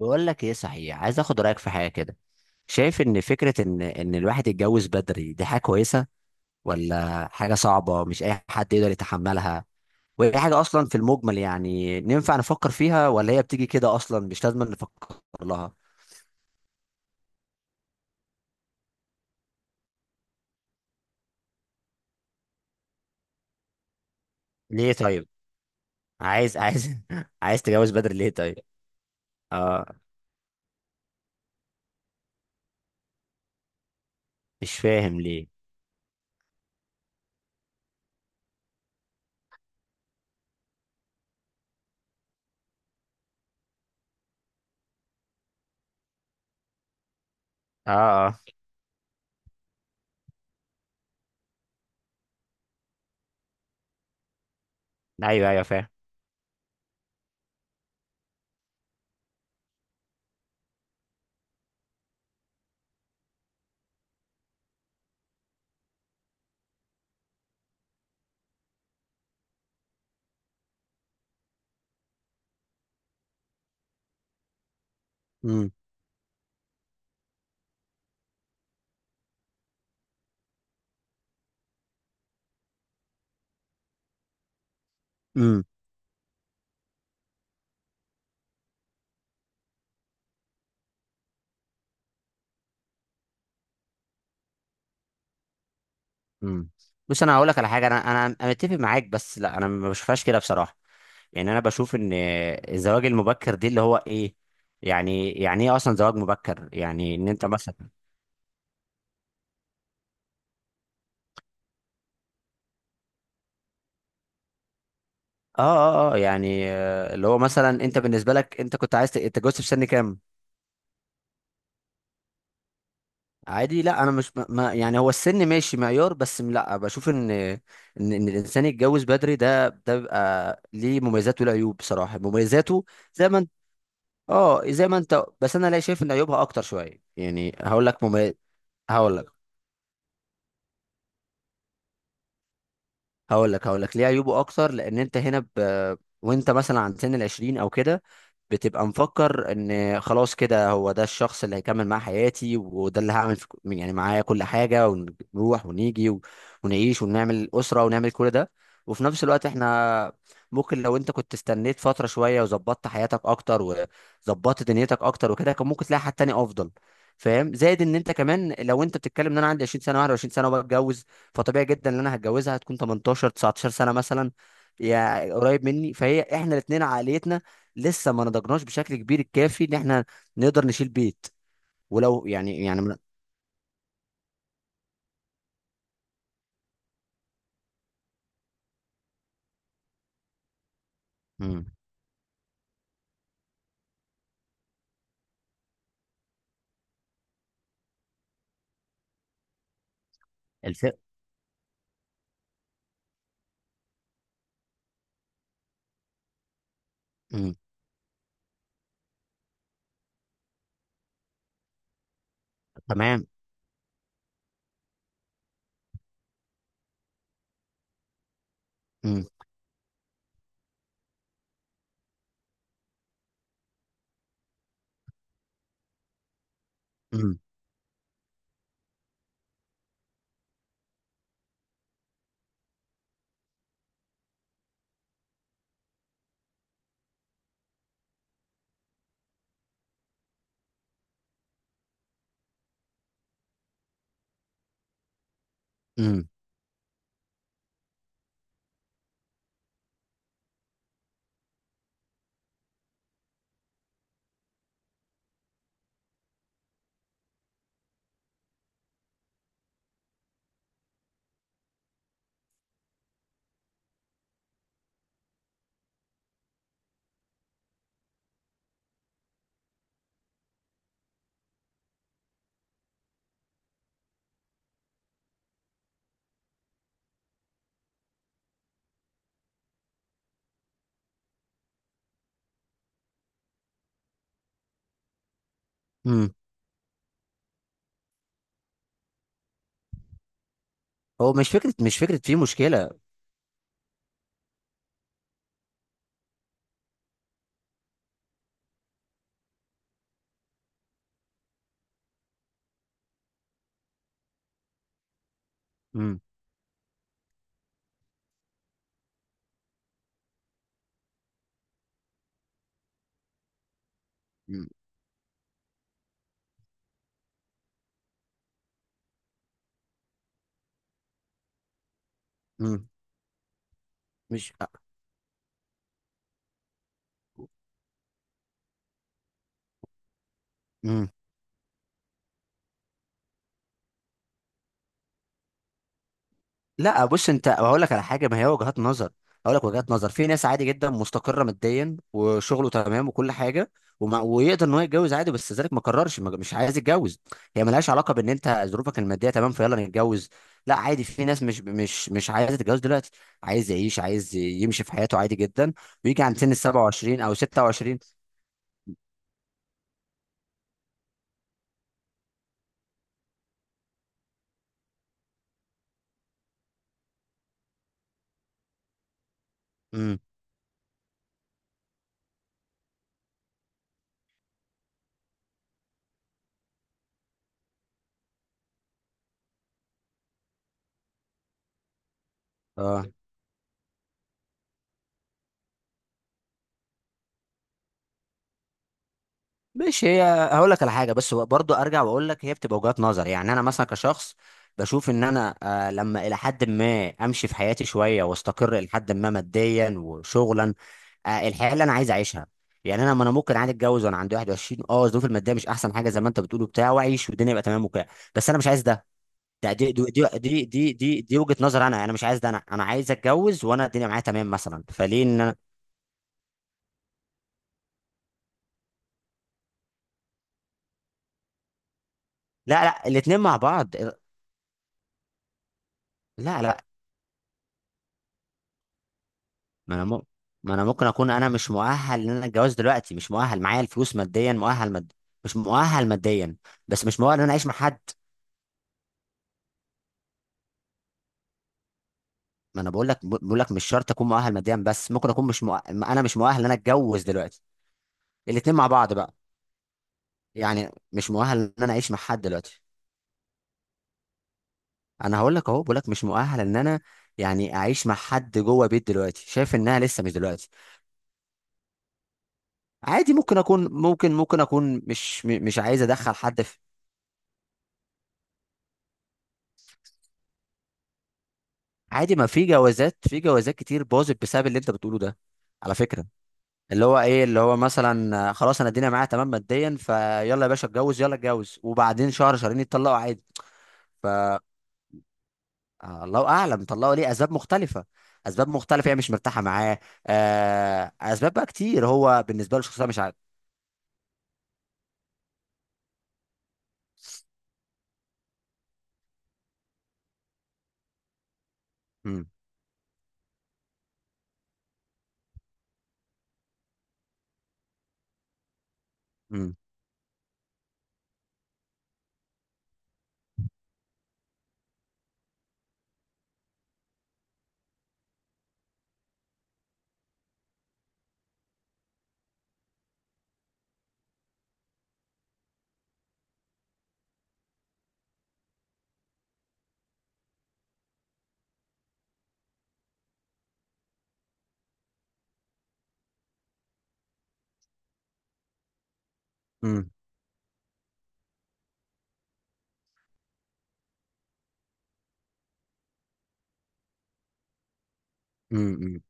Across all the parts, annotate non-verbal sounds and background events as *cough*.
بقول لك ايه، صحيح عايز اخد رايك في حاجه كده. شايف ان فكره ان الواحد يتجوز بدري دي حاجه كويسه، ولا حاجه صعبه مش اي حد يقدر يتحملها؟ وهي حاجه اصلا في المجمل يعني ننفع نفكر فيها، ولا هي بتيجي كده اصلا مش لازم نفكر لها؟ ليه طيب؟ عايز *laughs* عايز تتجوز بدري ليه طيب؟ اه. مش فاهم ليه. اه، اه. ايوه، ايوه، فاهم. امم. امم. امم. بص، انا هقول لك على حاجه، انا متفق معاك، بس لا، انا ما بشوفهاش كده بصراحه. يعني انا بشوف ان الزواج المبكر دي اللي هو ايه، يعني ايه اصلا زواج مبكر؟ يعني ان انت مثلا... اه، اه، اه، يعني اللي هو مثلا انت بالنسبه لك انت كنت عايز تتجوز في سن كام؟ عادي، لا، انا مش يعني هو السن ماشي معيار، بس لا بشوف ان ان الانسان يتجوز بدري ده بيبقى ليه مميزات وله عيوب بصراحه. مميزاته زي ما انت... اه، زي ما انت، بس انا لا شايف ان عيوبها اكتر شويه. يعني هقول لك مميز... هقول لك هقول لك ليه عيوبه اكتر. لان انت هنا ب... وانت مثلا عند سن العشرين او كده، بتبقى مفكر ان خلاص كده هو ده الشخص اللي هيكمل معاه حياتي، وده اللي هعمل في... يعني معايا كل حاجه، ونروح ونيجي و... ونعيش ونعمل اسره ونعمل كل ده. وفي نفس الوقت احنا ممكن، لو انت كنت استنيت فتره شويه، وظبطت حياتك اكتر، وظبطت دنيتك اكتر وكده، كان ممكن تلاقي حد تاني افضل. فاهم؟ زائد ان انت كمان، لو انت بتتكلم ان انا عندي 20 سنه 21 سنه وبتجوز، فطبيعي جدا ان انا هتجوزها هتكون 18 19 سنه مثلا، يا قريب مني. فهي احنا الاثنين عقليتنا لسه ما نضجناش بشكل كبير الكافي ان احنا نقدر نشيل بيت. ولو يعني من... مم. الف... مم. تمام. مم. مم. مم. مم. هو مش فكره، مش فكره في مشكله. مم. مم. مم. مش. مم. لا، بص انت، هقول لك على حاجه، ما هي وجهات نظر. هقول لك وجهات نظر، في ناس عادي جدا مستقره ماديا وشغله تمام وكل حاجه، وما ويقدر ان هو يتجوز عادي، بس ذلك ما قررش، ما- مش عايز يتجوز. هي ملهاش علاقه بان انت ظروفك الماديه تمام فيلا نتجوز. لا عادي، في ناس مش عايزه تتجوز دلوقتي. عايز يعيش، عايز يمشي في حياته عادي جدا، ويجي عند سن ال 27 او 26. امم. آه. ماشي هي. هقول لك على حاجه، بس برضو ارجع واقول لك هي بتبقى وجهات نظر. يعني انا مثلا كشخص بشوف ان انا، لما الى حد ما امشي في حياتي شويه، واستقر الى حد ما ماديا وشغلا، الحياه اللي انا عايز اعيشها. يعني انا ما انا ممكن عادي اتجوز وانا عندي 21، الظروف الماديه مش احسن حاجه زي ما انت بتقول بتاع، واعيش والدنيا يبقى تمام وكده. بس انا مش عايز ده. دي وجهه نظر، انا مش عايز ده. انا عايز اتجوز وانا الدنيا معايا تمام مثلا، فليه ان انا... لا لا، الاتنين مع بعض. لا لا. ما انا م... ما انا ممكن اكون انا مش مؤهل ان انا اتجوز دلوقتي. مش مؤهل، معايا الفلوس ماديا مؤهل، مد... مش مؤهل ماديا، بس مش مؤهل ان انا اعيش مع حد. ما انا بقول لك، مش شرط اكون مؤهل ماديا، بس ممكن اكون مش مؤ... انا مش مؤهل ان انا اتجوز دلوقتي. الاتنين مع بعض بقى. يعني مش مؤهل ان انا اعيش مع حد دلوقتي. انا هقول لك اهو، بقول لك مش مؤهل ان انا يعني اعيش مع حد جوه بيت دلوقتي. شايف انها لسه مش دلوقتي. عادي، ممكن اكون، ممكن اكون مش مش عايز ادخل حد. عادي، ما في جوازات، كتير باظت بسبب اللي انت بتقوله ده، على فكره. اللي هو ايه، اللي هو مثلا خلاص انا الدنيا معايا تمام ماديا فيلا يا باشا اتجوز، يلا اتجوز وبعدين شهر شهرين يتطلقوا عادي. ف... الله اعلم طلقوا ليه. اسباب مختلفه. اسباب مختلفه، هي مش مرتاحه معاه، اسباب بقى كتير. هو بالنسبه له شخصيه مش عارف. امم. امم.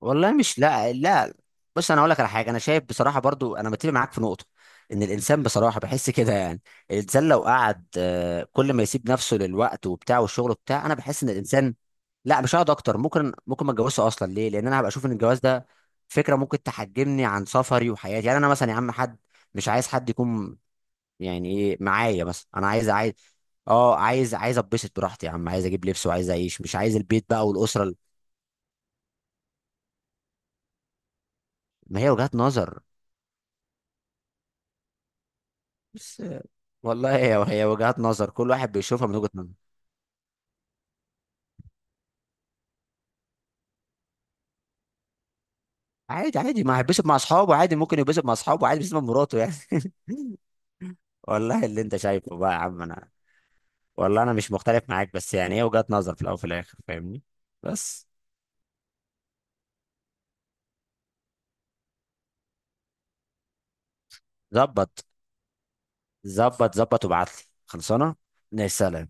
والله مش، لا لا. بص، انا اقول لك على حاجه. انا شايف بصراحه برضو، انا متفق معاك في نقطه، ان الانسان بصراحه بحس كده يعني، الانسان لو قعد كل ما يسيب نفسه للوقت وبتاع والشغل بتاع، انا بحس ان الانسان... لا، مش هقعد اكتر، ممكن ما اتجوزش اصلا، ليه؟ لان انا هبقى اشوف ان الجواز ده فكره ممكن تحجمني عن سفري وحياتي. يعني انا مثلا يا عم، حد... مش عايز حد يكون، يعني ايه، معايا مثلا. انا عايز اه، عايز اتبسط براحتي يا عم، عايز اجيب لبس وعايز اعيش، مش عايز البيت بقى والاسره. ما هي وجهات نظر. والله هي وجهات نظر، كل واحد بيشوفها من وجهة نظره. عادي عادي، ما هيتبسط مع اصحابه عادي، ممكن يتبسط مع اصحابه عادي، بيتبسط مع مراته يعني. *laughs* والله اللي انت شايفه بقى يا عم، انا والله انا مش مختلف معاك، بس يعني هي وجهات نظر في الاول وفي الاخر، فاهمني؟ بس. ظبط. ظبط ظبط، وابعت لي خلصانه. يا سلام.